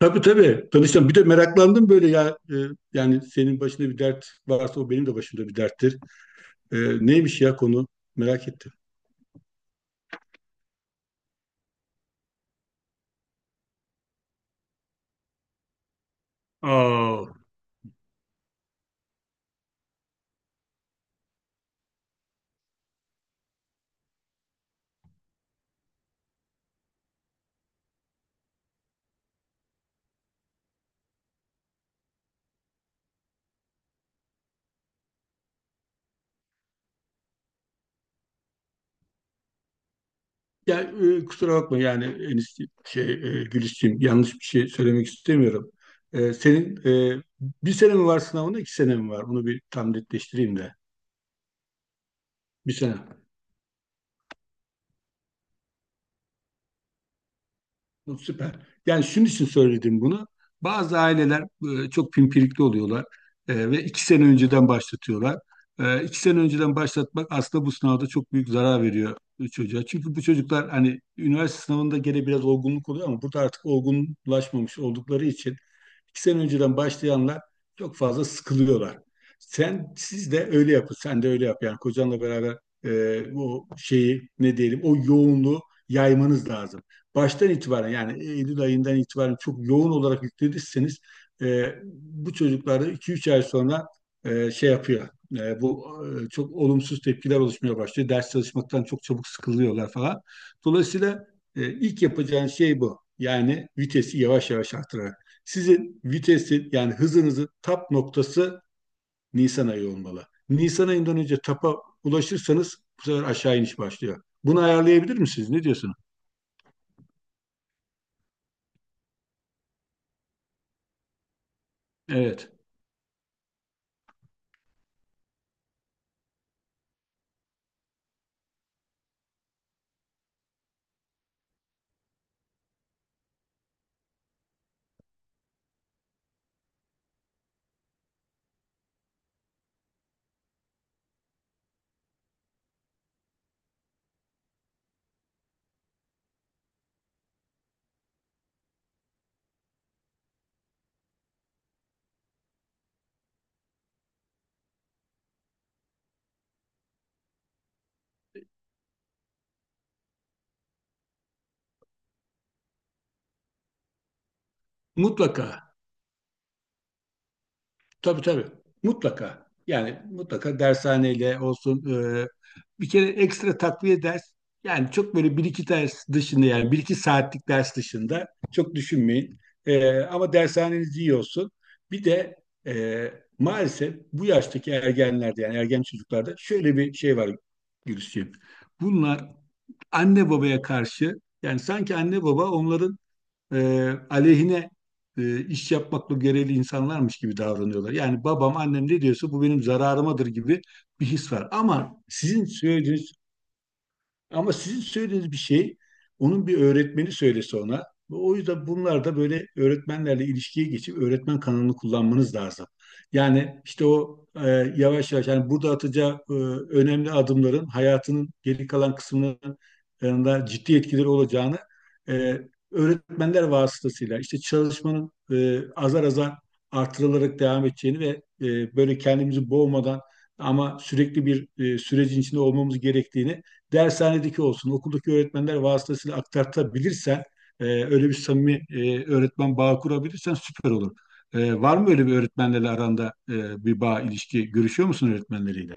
Tabii, tabii. Danıştan bir de meraklandım böyle yani senin başında bir dert varsa o benim de başımda bir derttir. E, Neymiş ya konu? Merak ettim. Aa. Ya kusura bakma yani Enis, Gülisciğim, yanlış bir şey söylemek istemiyorum. Senin e, bir sene mi var sınavında, iki sene mi var? Onu bir tam netleştireyim de. Bir sene. Bu süper. Yani şunun için söyledim bunu. Bazı aileler çok pimpirikli oluyorlar ve iki sene önceden başlatıyorlar. İki sene önceden başlatmak aslında bu sınavda çok büyük zarar veriyor çocuğa. Çünkü bu çocuklar hani üniversite sınavında gene biraz olgunluk oluyor, ama burada artık olgunlaşmamış oldukları için İki sene önceden başlayanlar çok fazla sıkılıyorlar. Sen, siz de öyle yapın. Sen de öyle yap. Yani kocanla beraber o şeyi ne diyelim, o yoğunluğu yaymanız lazım. Baştan itibaren yani Eylül ayından itibaren çok yoğun olarak yüklediyseniz, e, bu çocuklarda iki üç ay sonra şey yapıyor. Bu çok olumsuz tepkiler oluşmaya başlıyor. Ders çalışmaktan çok çabuk sıkılıyorlar falan. Dolayısıyla ilk yapacağın şey bu. Yani vitesi yavaş yavaş arttırarak. Sizin vitesin yani hızınızın tap noktası Nisan ayı olmalı. Nisan ayından önce tapa ulaşırsanız bu sefer aşağı iniş başlıyor. Bunu ayarlayabilir misiniz? Ne diyorsunuz? Evet. Mutlaka. Tabii, tabii. Mutlaka. Yani mutlaka dershaneyle olsun. e, Bir kere ekstra takviye ders. Yani çok böyle bir iki ders dışında, yani bir iki saatlik ders dışında çok düşünmeyin. Ama dershaneniz iyi olsun. Bir de e, maalesef bu yaştaki ergenlerde, yani ergen çocuklarda şöyle bir şey var Gülsüm. Bunlar anne babaya karşı, yani sanki anne baba onların aleyhine iş yapmakla görevli insanlarmış gibi davranıyorlar. Yani babam, annem ne diyorsa bu benim zararımadır gibi bir his var. Ama sizin söylediğiniz bir şey onun bir öğretmeni söylese ona. O yüzden bunlar da böyle öğretmenlerle ilişkiye geçip öğretmen kanalını kullanmanız lazım. Yani işte yavaş yavaş, yani burada atacağı önemli adımların hayatının geri kalan kısmının yanında ciddi etkileri olacağını, e, öğretmenler vasıtasıyla işte çalışmanın, azar azar artırılarak devam edeceğini ve böyle kendimizi boğmadan ama sürekli bir sürecin içinde olmamız gerektiğini, dershanedeki olsun, okuldaki öğretmenler vasıtasıyla aktartabilirsen, öyle bir samimi öğretmen bağı kurabilirsen süper olur. Var mı böyle bir öğretmenlerle aranda bir bağ, ilişki, görüşüyor musun öğretmenleriyle?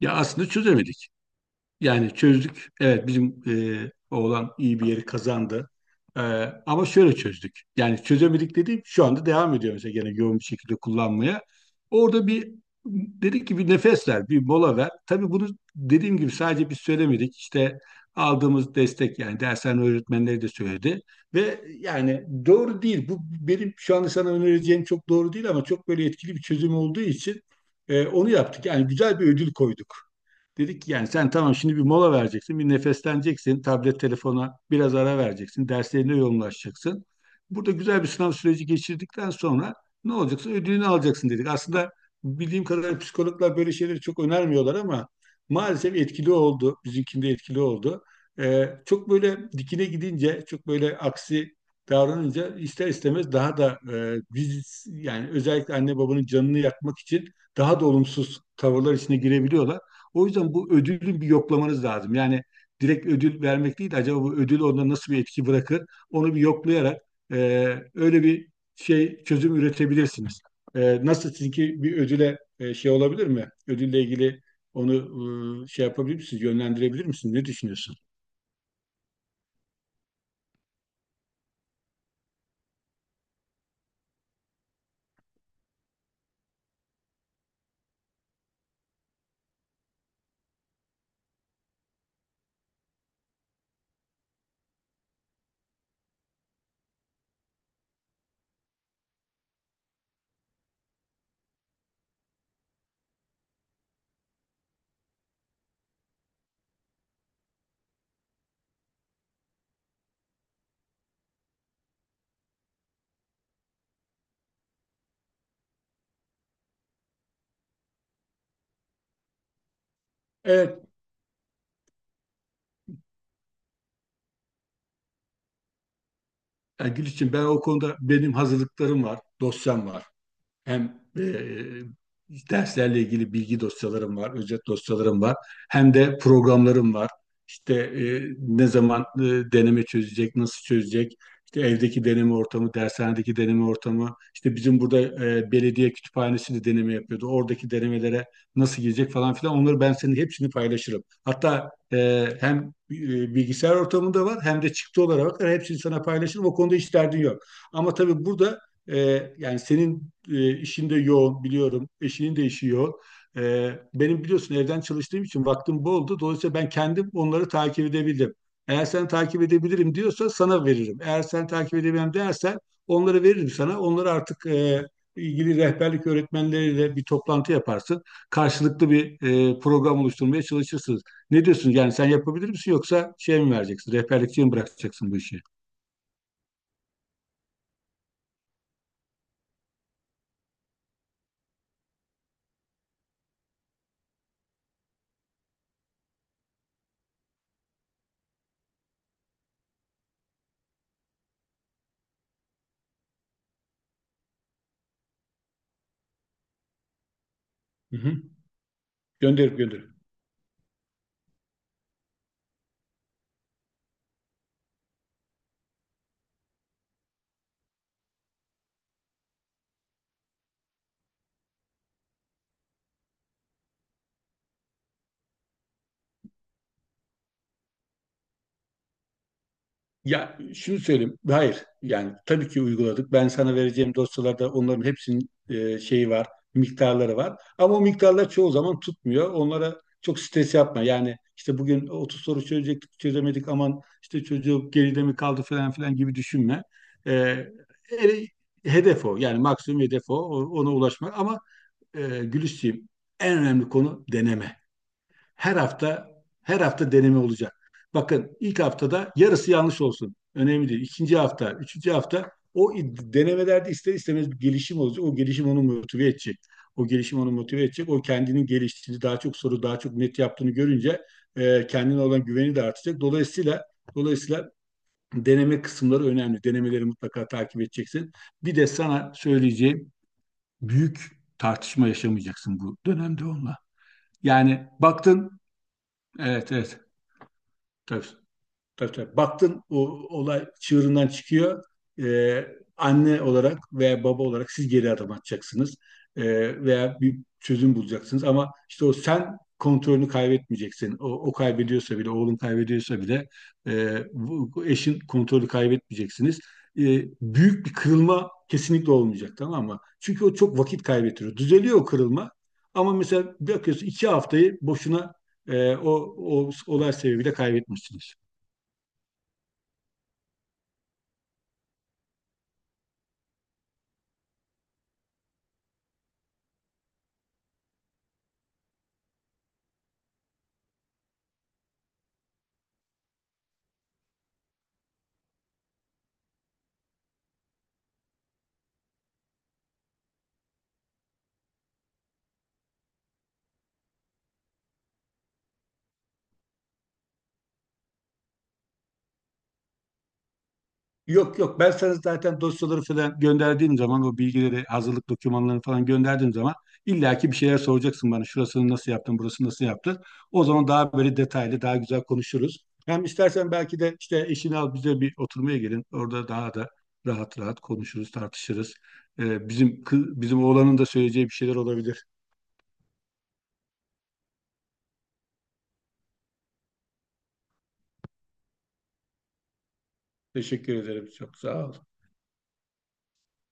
Ya aslında çözemedik. Yani çözdük. Evet, bizim oğlan iyi bir yeri kazandı. E, Ama şöyle çözdük. Yani çözemedik dediğim şu anda devam ediyor mesela, gene yoğun bir şekilde kullanmaya. Orada bir dedik ki bir nefes ver, bir mola ver. Tabii bunu, dediğim gibi, sadece biz söylemedik. İşte aldığımız destek, yani dershane öğretmenleri de söyledi. Ve yani doğru değil. Bu, benim şu anda sana önereceğim çok doğru değil ama çok böyle etkili bir çözüm olduğu için onu yaptık. Yani güzel bir ödül koyduk. Dedik ki yani sen tamam, şimdi bir mola vereceksin, bir nefesleneceksin, tablet telefona biraz ara vereceksin, derslerine yoğunlaşacaksın. Burada güzel bir sınav süreci geçirdikten sonra ne olacaksa ödülünü alacaksın dedik. Aslında bildiğim kadarıyla psikologlar böyle şeyleri çok önermiyorlar ama maalesef etkili oldu, bizimkinde etkili oldu. Çok böyle dikine gidince, çok böyle aksi davranınca ister istemez daha da biz yani, özellikle anne babanın canını yakmak için daha da olumsuz tavırlar içine girebiliyorlar. O yüzden bu ödülün bir yoklamanız lazım. Yani direkt ödül vermek değil de acaba bu ödül onda nasıl bir etki bırakır? Onu bir yoklayarak e, öyle bir şey çözüm üretebilirsiniz. Nasıl sizinki bir ödüle şey olabilir mi? Ödülle ilgili onu şey yapabilir misiniz? Yönlendirebilir misiniz? Ne düşünüyorsun? Evet. Yani Gülçin, ben o konuda benim hazırlıklarım var, dosyam var. Hem derslerle ilgili bilgi dosyalarım var, özet dosyalarım var. Hem de programlarım var. İşte ne zaman deneme çözecek, nasıl çözecek, işte evdeki deneme ortamı, dershanedeki deneme ortamı, İşte bizim burada belediye kütüphanesi de deneme yapıyordu. Oradaki denemelere nasıl girecek falan filan. Onları ben senin hepsini paylaşırım. Hatta hem bilgisayar ortamında var hem de çıktı olarak var, hepsini sana paylaşırım. O konuda hiç derdin yok. Ama tabii burada yani senin işin de yoğun biliyorum. Eşinin de işi yoğun. Benim biliyorsun evden çalıştığım için vaktim bol oldu. Dolayısıyla ben kendim onları takip edebildim. Eğer sen takip edebilirim diyorsa sana veririm. Eğer sen takip edemem dersen onları veririm sana. Onları artık ilgili rehberlik öğretmenleriyle bir toplantı yaparsın. Karşılıklı bir program oluşturmaya çalışırsınız. Ne diyorsun? Yani sen yapabilir misin yoksa şey mi vereceksin? Rehberlikçiye mi bırakacaksın bu işi? Hı hı. Gönderip. Ya şunu söyleyeyim. Hayır. Yani tabii ki uyguladık. Ben sana vereceğim dosyalarda onların hepsinin şeyi var, miktarları var. Ama o miktarlar çoğu zaman tutmuyor. Onlara çok stres yapma. Yani işte bugün 30 soru çözecektik, çözemedik. Aman işte çocuk geride mi kaldı falan filan gibi düşünme. E, ele- hedef o. Yani maksimum hedef o. Ona ulaşmak. Ama Gülisciğim, en önemli konu deneme, her hafta her hafta deneme olacak. Bakın ilk haftada yarısı yanlış olsun. Önemli değil. İkinci hafta, üçüncü hafta o denemelerde ister istemez bir gelişim olacak. O gelişim onu motive edecek. O kendinin geliştiğini, daha çok soru, daha çok net yaptığını görünce kendine olan güveni de artacak. Dolayısıyla deneme kısımları önemli. Denemeleri mutlaka takip edeceksin. Bir de sana söyleyeceğim, büyük tartışma yaşamayacaksın bu dönemde onunla. Yani baktın, evet, evet. Tabii, tabii, tabii. Baktın o olay çığırından çıkıyor. Ee, Anne olarak veya baba olarak siz geri adım atacaksınız. Veya bir çözüm bulacaksınız. Ama işte o sen kontrolünü kaybetmeyeceksin. O, o kaybediyorsa bile, oğlun kaybediyorsa bile bu eşin kontrolü kaybetmeyeceksiniz. Ee, Büyük bir kırılma kesinlikle olmayacak, tamam mı? Çünkü o çok vakit kaybettiriyor. Düzeliyor o kırılma. Ama mesela bakıyorsun iki haftayı boşuna e, o, o olay sebebiyle kaybetmişsiniz. Yok, yok, ben sana zaten dosyaları falan gönderdiğim zaman, o bilgileri hazırlık dokümanlarını falan gönderdiğim zaman illaki bir şeyler soracaksın bana, şurasını nasıl yaptın, burasını nasıl yaptın. O zaman daha böyle detaylı, daha güzel konuşuruz. Hem istersen belki de işte eşini al, bize bir oturmaya gelin, orada daha da rahat rahat konuşuruz, tartışırız. Bizim bizim oğlanın da söyleyeceği bir şeyler olabilir. Teşekkür ederim, çok sağ ol.